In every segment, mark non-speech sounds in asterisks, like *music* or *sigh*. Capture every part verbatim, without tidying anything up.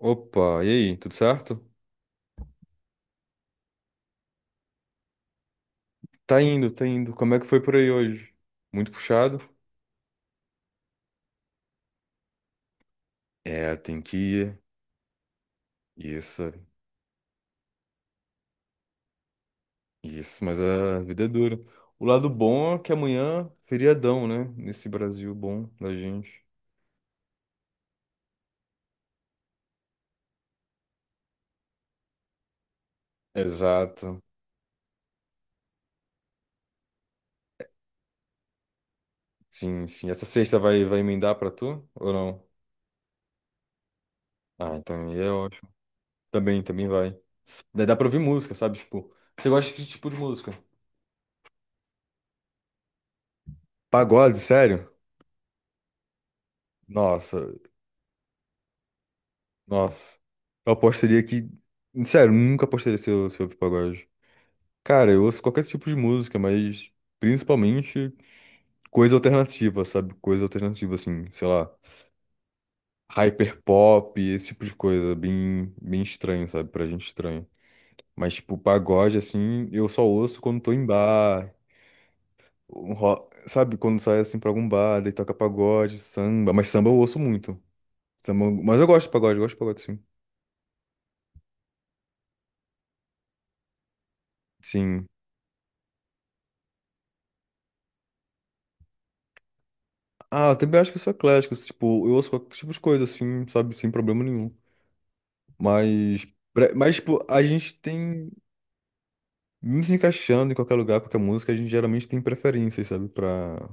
Opa, e aí, tudo certo? Tá indo, tá indo. Como é que foi por aí hoje? Muito puxado? É, tem que ir. Isso, isso, mas a vida é dura. O lado bom é que amanhã, feriadão, né? Nesse Brasil bom da gente. Exato. Sim, sim. Essa sexta vai, vai emendar pra tu ou não? Ah, então aí é ótimo. Também, também vai. Daí dá pra ouvir música, sabe? Tipo, você gosta de que tipo de música? Pagode, sério? Nossa, nossa. Eu apostaria que. Sério, nunca apostaria se eu, se eu ouvir pagode. Cara, eu ouço qualquer tipo de música, mas principalmente coisa alternativa, sabe? Coisa alternativa, assim, sei lá, hyperpop, esse tipo de coisa, bem, bem estranho, sabe? Pra gente estranho. Mas, tipo, pagode, assim, eu só ouço quando tô em bar, um ro- sabe? Quando sai, assim, pra algum bar, daí toca pagode, samba. Mas samba eu ouço muito. Samba. Mas eu gosto de pagode, eu gosto de pagode, sim. Sim. Ah, eu também acho que eu sou eclético, tipo, eu ouço qualquer tipo de coisa, assim, sabe, sem problema nenhum. Mas, pre- mas tipo, a gente tem, mesmo se encaixando em qualquer lugar, qualquer música, a gente geralmente tem preferências, sabe, pra.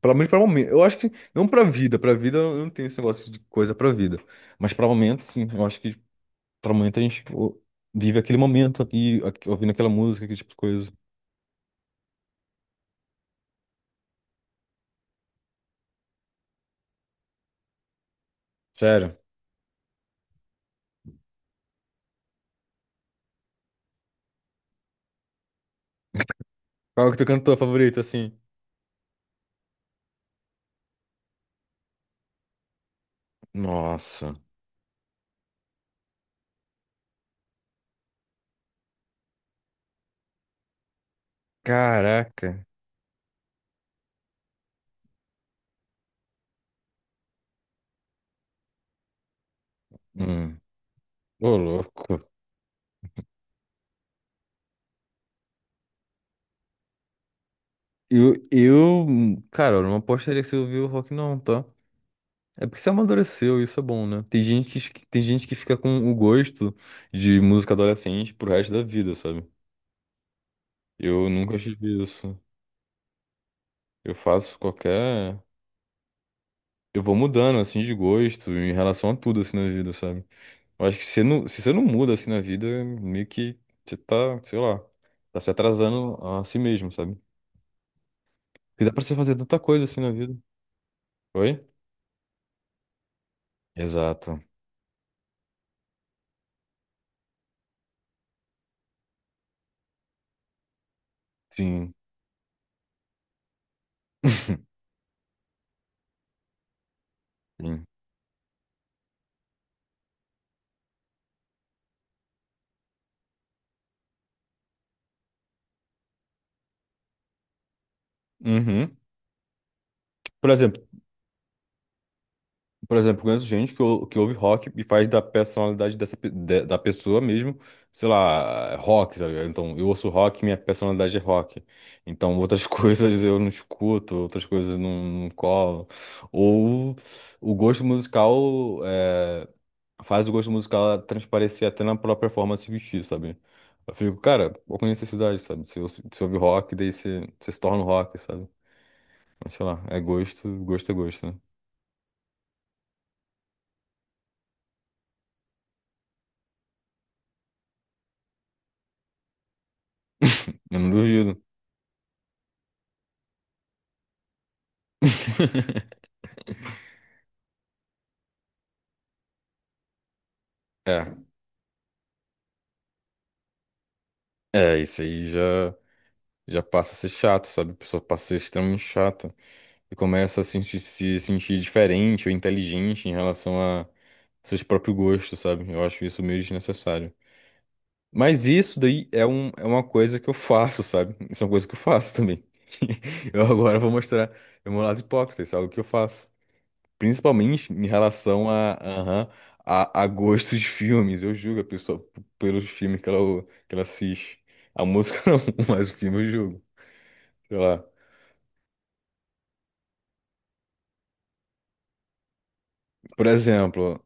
Pelo menos pra momento. Eu acho que, não pra vida, pra vida eu não tenho esse negócio de coisa pra vida. Mas pra momento, sim, eu acho que pra momento a gente, tipo, vive aquele momento aqui, aqui, ouvindo aquela música, aquele tipo de coisa. Sério. Qual é o teu cantor favorito, assim? Nossa. Caraca. Hum, ô louco. Eu, eu, hum, cara, eu não apostaria que você ouviu o rock, não, tá? É porque você amadureceu, isso é bom, né? Tem gente que, esque- tem gente que fica com o gosto de música adolescente pro resto da vida, sabe? Eu nunca tive isso. Eu faço qualquer. Eu vou mudando, assim, de gosto em relação a tudo, assim, na vida, sabe? Eu acho que se, não, se você não muda, assim, na vida, meio que você tá, sei lá, tá se atrasando a si mesmo, sabe? Porque dá pra você fazer tanta coisa, assim, na vida. Oi? Exato. Sim. *laughs* Sim. Uhum. Por exemplo, por exemplo, conheço gente que, ou- que ouve rock e faz da personalidade dessa, pe- de- da pessoa mesmo, sei lá, rock, tá ligado? Então, eu ouço rock, minha personalidade é rock. Então, outras *laughs* coisas eu não escuto, outras coisas eu não, não colo. Ou o gosto musical é, faz o gosto musical transparecer até na própria forma de se vestir, sabe? Eu fico, cara, qual que é a necessidade, sabe? Se você se ouve rock, daí você, você se torna um rock, sabe? Mas sei lá, é gosto, gosto é gosto, né? Eu não duvido. *laughs* É, é, isso aí já, já passa a ser chato, sabe? A pessoa passa a ser extremamente chata e começa a se, se se sentir diferente ou inteligente em relação a seus próprios gostos, sabe? Eu acho isso meio desnecessário. Mas isso daí é, um, é uma coisa que eu faço, sabe? Isso é uma coisa que eu faço também. *laughs* Eu agora vou mostrar o meu lado hipócrita, isso é algo que eu faço. Principalmente em relação a, aham, a, a gostos de filmes. Eu julgo a pessoa p- pelos filmes que ela, que ela assiste. A música *laughs* não, mas o filme eu julgo. Sei lá. Por exemplo,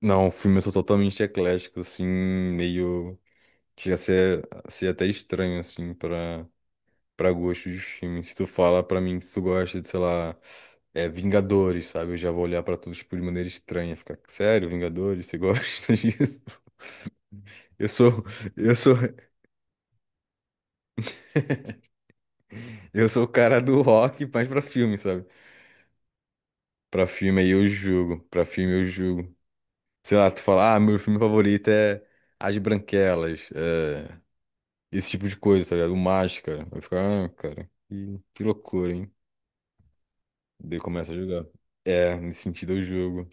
não, o filme eu sou totalmente eclético, assim, meio. Chega a ser, a ser até estranho, assim, pra, pra gostos de filme. Se tu fala pra mim que tu gosta de, sei lá, é, Vingadores, sabe? Eu já vou olhar pra tu, tipo, de maneira estranha. Ficar, sério, Vingadores, você gosta *laughs* disso? Eu sou. Eu sou Eu sou o cara do rock, mas pra filme, sabe? Pra filme aí eu julgo. Pra filme eu julgo. Sei lá, tu fala, ah, meu filme favorito é As Branquelas, é... esse tipo de coisa, tá ligado? O Máscara. Eu fico, ah, cara, que, que loucura, hein? Daí começa a julgar. É, nesse sentido eu julgo.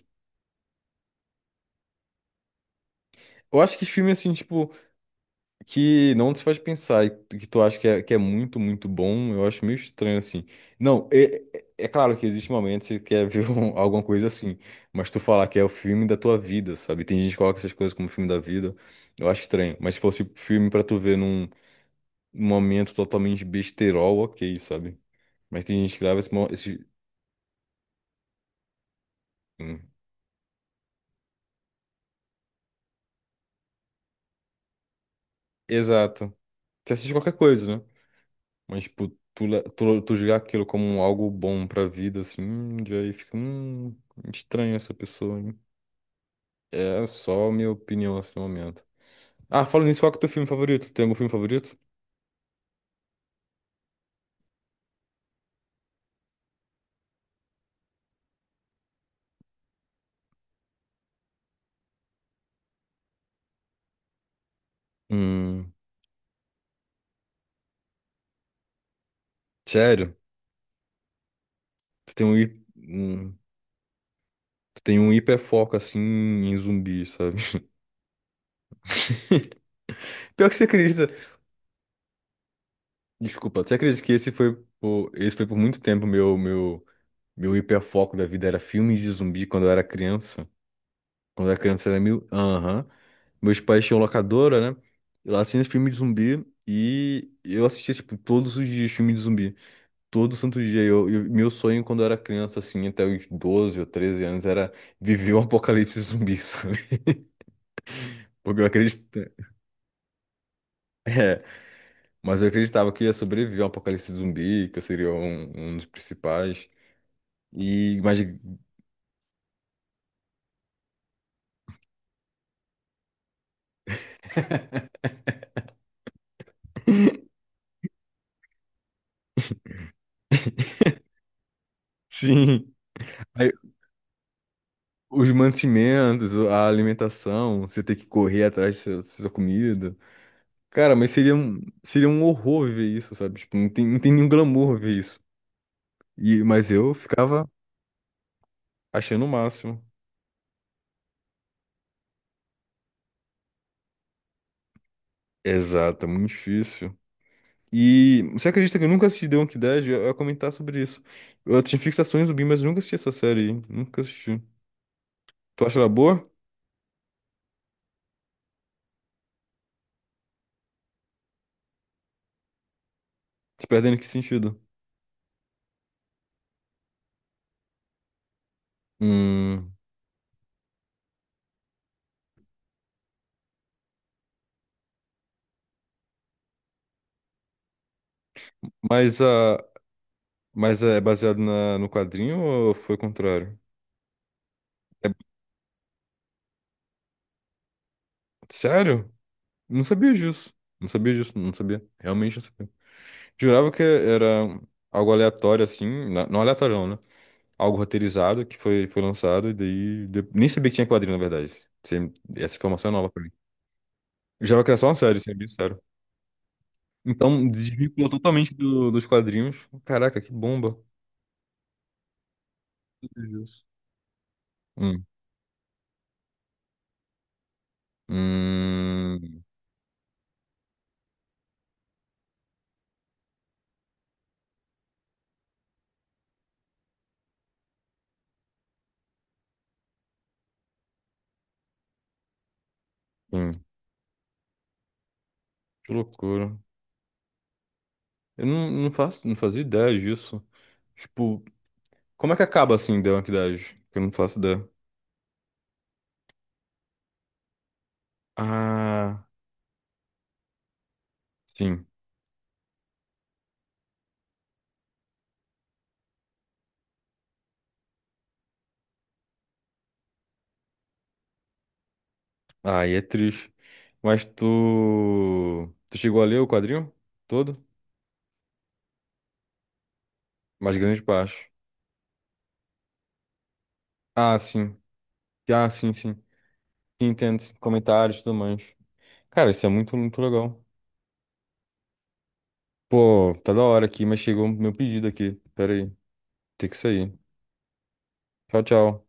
Eu acho que filme, assim, tipo, que não te faz pensar e que tu acha que é, que é muito, muito bom, eu acho meio estranho assim. Não, é, é é claro que existe momentos que você quer ver um- *laughs* alguma coisa assim, mas tu falar que é o filme da tua vida, sabe? Tem gente que coloca essas coisas como filme da vida, eu acho estranho. Mas se fosse filme pra tu ver num momento totalmente besterol, ok, sabe? Mas tem gente que leva esse. mo- esse... Hum, exato. Você assiste qualquer coisa, né? Mas, tipo, tu, le- tu, tu julgar aquilo como algo bom pra vida, assim, já aí fica, hum, estranho essa pessoa, hein? É só a minha opinião nesse momento. Ah, falando nisso, qual que é o teu filme favorito? Tem algum filme favorito? Hum, sério? Tu tem um, hi- hum, tu tem um hiperfoco, assim, em zumbi, sabe? *laughs* Pior que você acredita. Desculpa, você acredita que esse foi por, esse foi por muito tempo meu, meu, meu hiperfoco da vida era filmes de zumbi quando eu era criança? Quando era criança era mil. Aham. Meus pais tinham locadora, né? E lá tinha filme de zumbi. E eu assistia, tipo, todos os dias filme de zumbi. Todo santo dia. Eu, eu- meu sonho quando eu era criança, assim, até os doze ou treze anos, era viver um apocalipse zumbi, *laughs* sabe? Porque eu acreditava. É, mas eu acreditava que eu ia sobreviver ao apocalipse zumbi, que eu seria um, um dos principais. E, mas, *laughs* sim. Aí, os mantimentos, a alimentação, você ter que correr atrás da sua, sua comida. Cara, mas seria um, seria um horror ver isso, sabe? Tipo, não tem, não tem nenhum glamour ver isso. E, mas eu ficava achando o máximo. Exato, é muito difícil. E você acredita que eu nunca assisti The Walking Dead? Eu eu ia comentar sobre isso. Eu tinha fixações zumbi, mas eu nunca assisti essa série aí. Nunca assisti. Tu acha ela boa? Se perdendo em que sentido? Hum, mas, a, mas é baseado na, no quadrinho ou foi o contrário? É- Sério? Não sabia disso. Não sabia disso, não sabia. Realmente não sabia. Jurava que era algo aleatório, assim. na- Não aleatório, não, né? Algo roteirizado que foi, foi lançado e daí. de- Nem sabia que tinha quadrinho, na verdade. Sem- Essa informação é nova pra mim. Eu jurava que era só uma série, sendo bem sério. Então, desvinculou totalmente do- dos quadrinhos. Caraca, que bomba. Meu Deus. Hum. Hum. hum, Que loucura. Eu não, não faço, não fazia ideia disso. Tipo, como é que acaba assim, The Walking Dead? Que eu não faço ideia. Ah, sim. Aí é triste. Mas tu. Tu chegou a ler o quadrinho? Todo? Mais grande parte. Ah, sim. Ah, sim, sim. Entendo. Comentários e tudo mais. Cara, isso é muito, muito legal. Pô, tá da hora aqui, mas chegou meu pedido aqui. Pera aí. Tem que sair. Tchau, tchau.